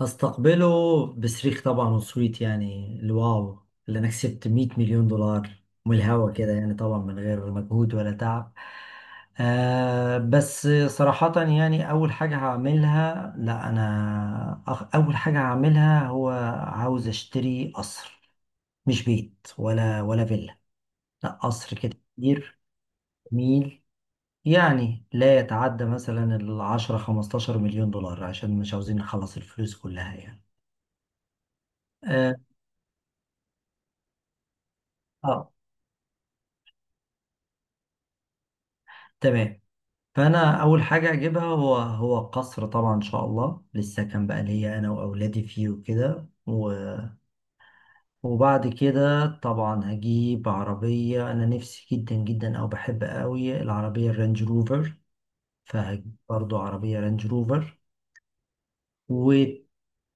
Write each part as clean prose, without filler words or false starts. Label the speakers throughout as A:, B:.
A: هستقبله بصريخ طبعا وصويت، يعني الواو اللي انا كسبت 100 مليون دولار من الهوا كده، يعني طبعا من غير مجهود ولا تعب. بس صراحة يعني أول حاجة هعملها هو عاوز أشتري قصر، مش بيت ولا فيلا، لا قصر كده كبير جميل. يعني لا يتعدى مثلا العشرة 15 مليون دولار عشان مش عاوزين نخلص الفلوس كلها يعني. آه, آه تمام. فانا اول حاجه اجيبها هو قصر طبعا ان شاء الله، للسكن بقى ليا انا واولادي فيه وكده. وبعد كده طبعا هجيب عربيه انا نفسي جدا جدا، او بحب قوي العربيه الرانج روفر. فهجيب برضو عربيه رانج روفر.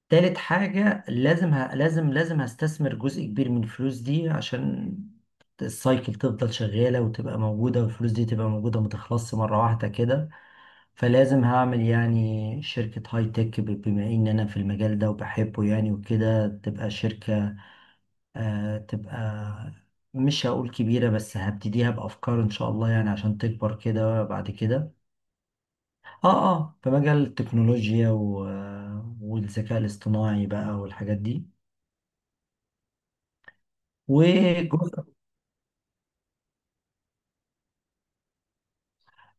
A: تالت حاجة لازم هستثمر جزء كبير من الفلوس دي، عشان السايكل تفضل شغالة وتبقى موجودة والفلوس دي تبقى موجودة متخلصش مرة واحدة كده. فلازم هعمل يعني شركة هاي تك، بما إن أنا في المجال ده وبحبه يعني وكده تبقى شركة. تبقى مش هقول كبيرة، بس هبتديها بأفكار إن شاء الله يعني عشان تكبر كده بعد كده. آه، في مجال التكنولوجيا، والذكاء الاصطناعي بقى والحاجات دي. وجزء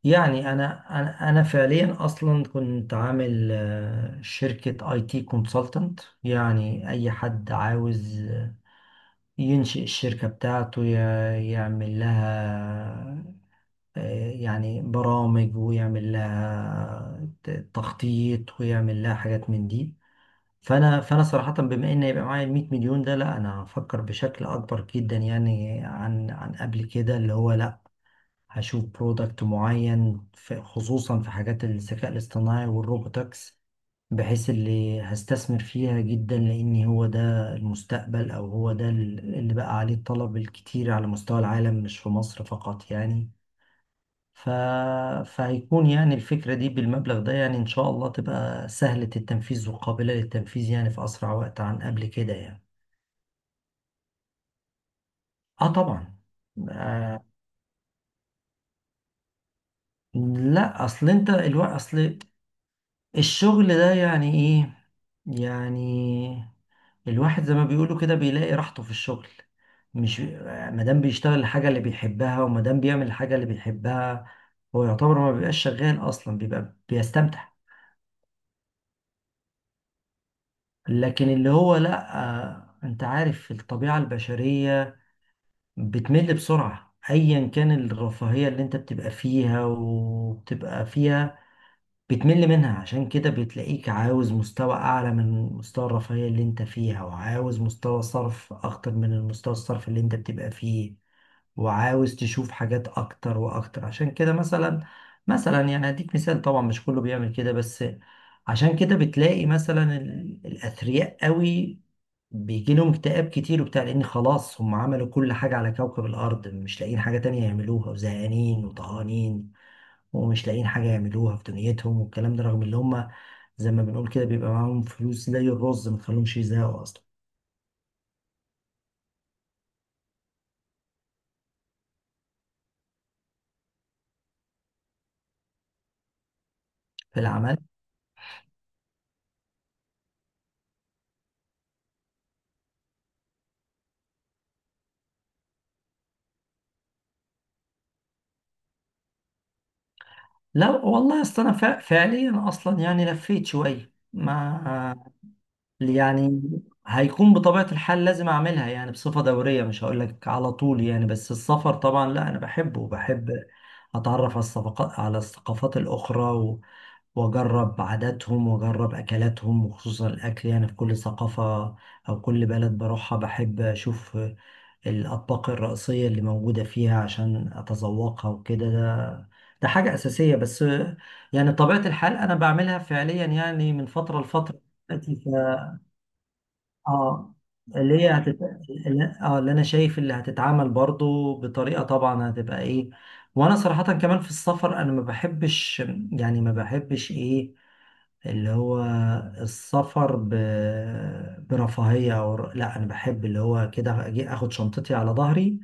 A: يعني انا فعليا اصلا كنت عامل شركه اي تي كونسلتنت. يعني اي حد عاوز ينشئ الشركه بتاعته، يعمل لها يعني برامج، ويعمل لها تخطيط، ويعمل لها حاجات من دي. فانا صراحه بما ان يبقى معايا ال 100 مليون ده، لا انا هفكر بشكل اكبر جدا يعني عن قبل كده. اللي هو، لا، هشوف برودكت معين، في خصوصا في حاجات الذكاء الاصطناعي والروبوتكس، بحيث اللي هستثمر فيها جدا، لأن هو ده المستقبل، أو هو ده اللي بقى عليه الطلب الكتير على مستوى العالم مش في مصر فقط يعني. ف... فهيكون يعني الفكرة دي بالمبلغ ده يعني إن شاء الله تبقى سهلة التنفيذ وقابلة للتنفيذ يعني في أسرع وقت عن قبل كده يعني. آه طبعا. آه لا أصل أنت الوقت، أصل الشغل ده يعني ايه؟ يعني الواحد زي ما بيقولوا كده بيلاقي راحته في الشغل. مش مادام بيشتغل الحاجة اللي بيحبها، ومادام بيعمل الحاجة اللي بيحبها، هو يعتبر ما بيبقاش شغال أصلا، بيبقى بيستمتع. لكن اللي هو لأ، أنت عارف الطبيعة البشرية بتمل بسرعة. أيا كان الرفاهية اللي أنت بتبقى فيها وبتبقى فيها بتمل منها، عشان كده بتلاقيك عاوز مستوى أعلى من مستوى الرفاهية اللي أنت فيها، وعاوز مستوى صرف أكتر من المستوى الصرف اللي أنت بتبقى فيه، وعاوز تشوف حاجات أكتر وأكتر. عشان كده مثلا يعني هديك مثال، طبعا مش كله بيعمل كده بس. عشان كده بتلاقي مثلا الأثرياء قوي بيجي لهم اكتئاب كتير وبتاع، لأن خلاص هم عملوا كل حاجة على كوكب الأرض، مش لاقيين حاجة تانية يعملوها، وزهقانين وطهقانين ومش لاقيين حاجة يعملوها في دنيتهم. والكلام ده رغم اللي هم زي ما بنقول كده بيبقى معاهم فلوس زي الرز ما تخليهمش يزهقوا أصلا. في العمل. لا والله، أصل أنا فعليا أصلا يعني لفيت شوية ما يعني هيكون بطبيعة الحال لازم أعملها يعني بصفة دورية، مش هقول لك على طول يعني، بس السفر طبعا لا أنا بحبه، وبحب أتعرف على الصفقات، على الثقافات الأخرى، واجرب عاداتهم واجرب اكلاتهم، وخصوصا الاكل. يعني في كل ثقافة او كل بلد بروحها بحب اشوف الاطباق الرئيسية اللي موجودة فيها عشان اتذوقها وكده. ده ده حاجة اساسية، بس يعني طبيعة الحال انا بعملها فعليا يعني من فترة لفترة دلوقتي. اه اللي هي اه اللي انا شايف اللي هتتعامل برضو بطريقة طبعا هتبقى ايه. وانا صراحة كمان في السفر انا ما بحبش. يعني ما بحبش ايه اللي هو، السفر برفاهية. أو لا، أنا بحب اللي هو كده أجي أخد شنطتي على ظهري،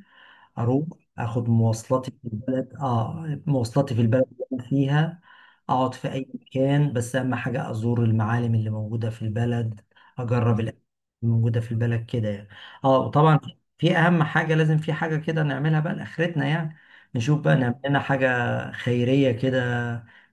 A: أروح أخد مواصلاتي في البلد، مواصلاتي في البلد اللي أنا فيها. أقعد في أي مكان، بس أهم حاجة أزور المعالم اللي موجودة في البلد، أجرب الأكل اللي موجودة في البلد كده يعني. وطبعا في أهم حاجة، لازم في حاجة كده نعملها بقى لآخرتنا يعني. نشوف بقى نعمل لنا حاجة خيرية كده،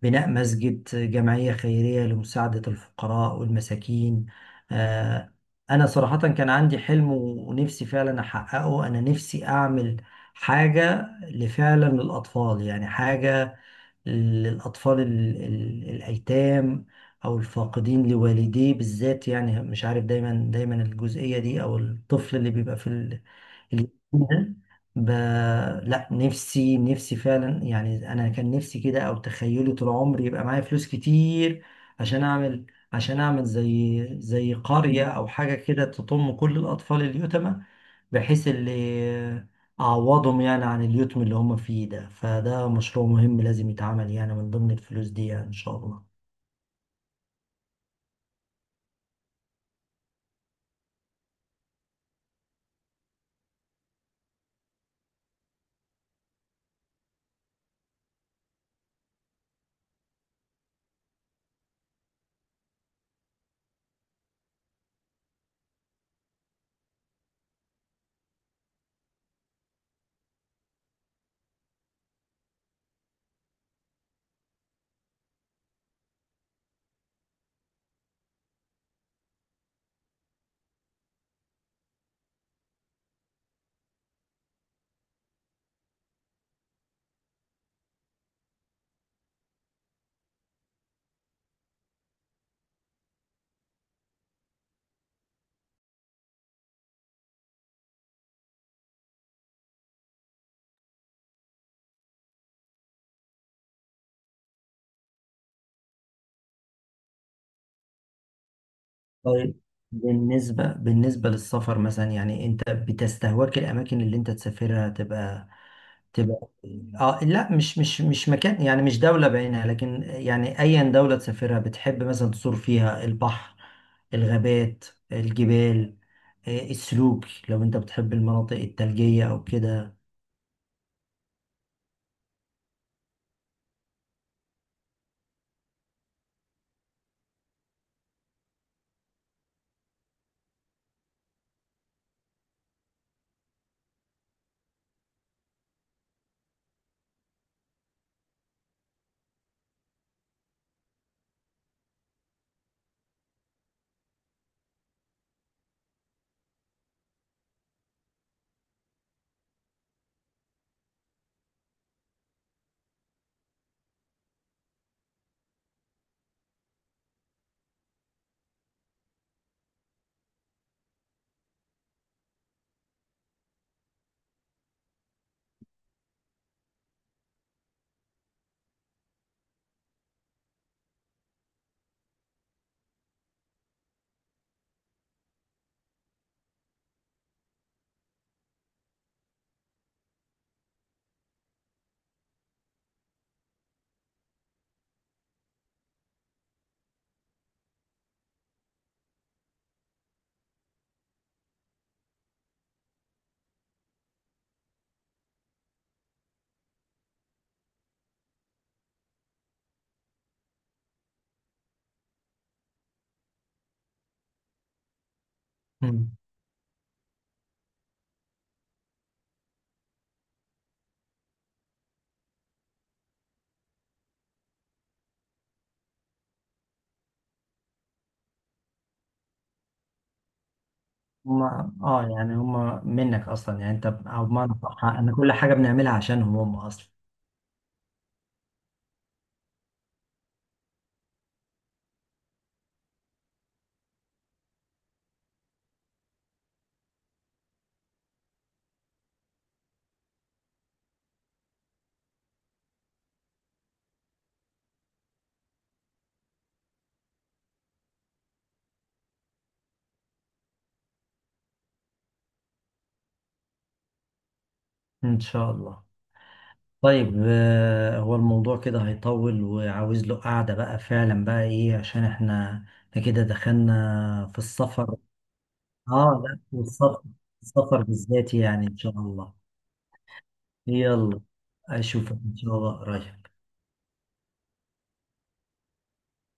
A: بناء مسجد، جمعية خيرية لمساعدة الفقراء والمساكين. آه، أنا صراحة كان عندي حلم ونفسي فعلا أحققه. أنا نفسي أعمل حاجة لفعلا للأطفال، يعني حاجة للأطفال الأيتام، أو الفاقدين لوالديه بالذات يعني. مش عارف دايما دايما الجزئية دي، أو الطفل اللي بيبقى في اليوم ده ب... لا، نفسي فعلا يعني، انا كان نفسي كده. او تخيلي طول عمري يبقى معايا فلوس كتير عشان اعمل، عشان اعمل زي قرية او حاجة كده تضم كل الاطفال اليتامى، بحيث اللي اعوضهم يعني عن اليتم اللي هم فيه ده. فده مشروع مهم لازم يتعمل يعني من ضمن الفلوس دي، يعني ان شاء الله. طيب، بالنسبة للسفر مثلا يعني، انت بتستهواك الاماكن اللي انت تسافرها تبقى تبقى اه لا، مش مكان، يعني مش دولة بعينها، لكن يعني أيا دولة تسافرها بتحب مثلا تزور فيها البحر، الغابات، الجبال، السلوك، لو أنت بتحب المناطق الثلجية أو كده. مم. هما اه يعني هما منك أصلا، يعني أنت، أو بمعنى صح، أن كل حاجة بنعملها عشانهم هم أصلا. إن شاء الله. طيب، هو الموضوع كده هيطول، وعاوز له قعدة بقى فعلا بقى إيه؟ عشان احنا كده دخلنا في السفر. اه لا، والسفر، السفر بالذات يعني ان شاء الله. يلا. اشوفك ان شاء الله قريب.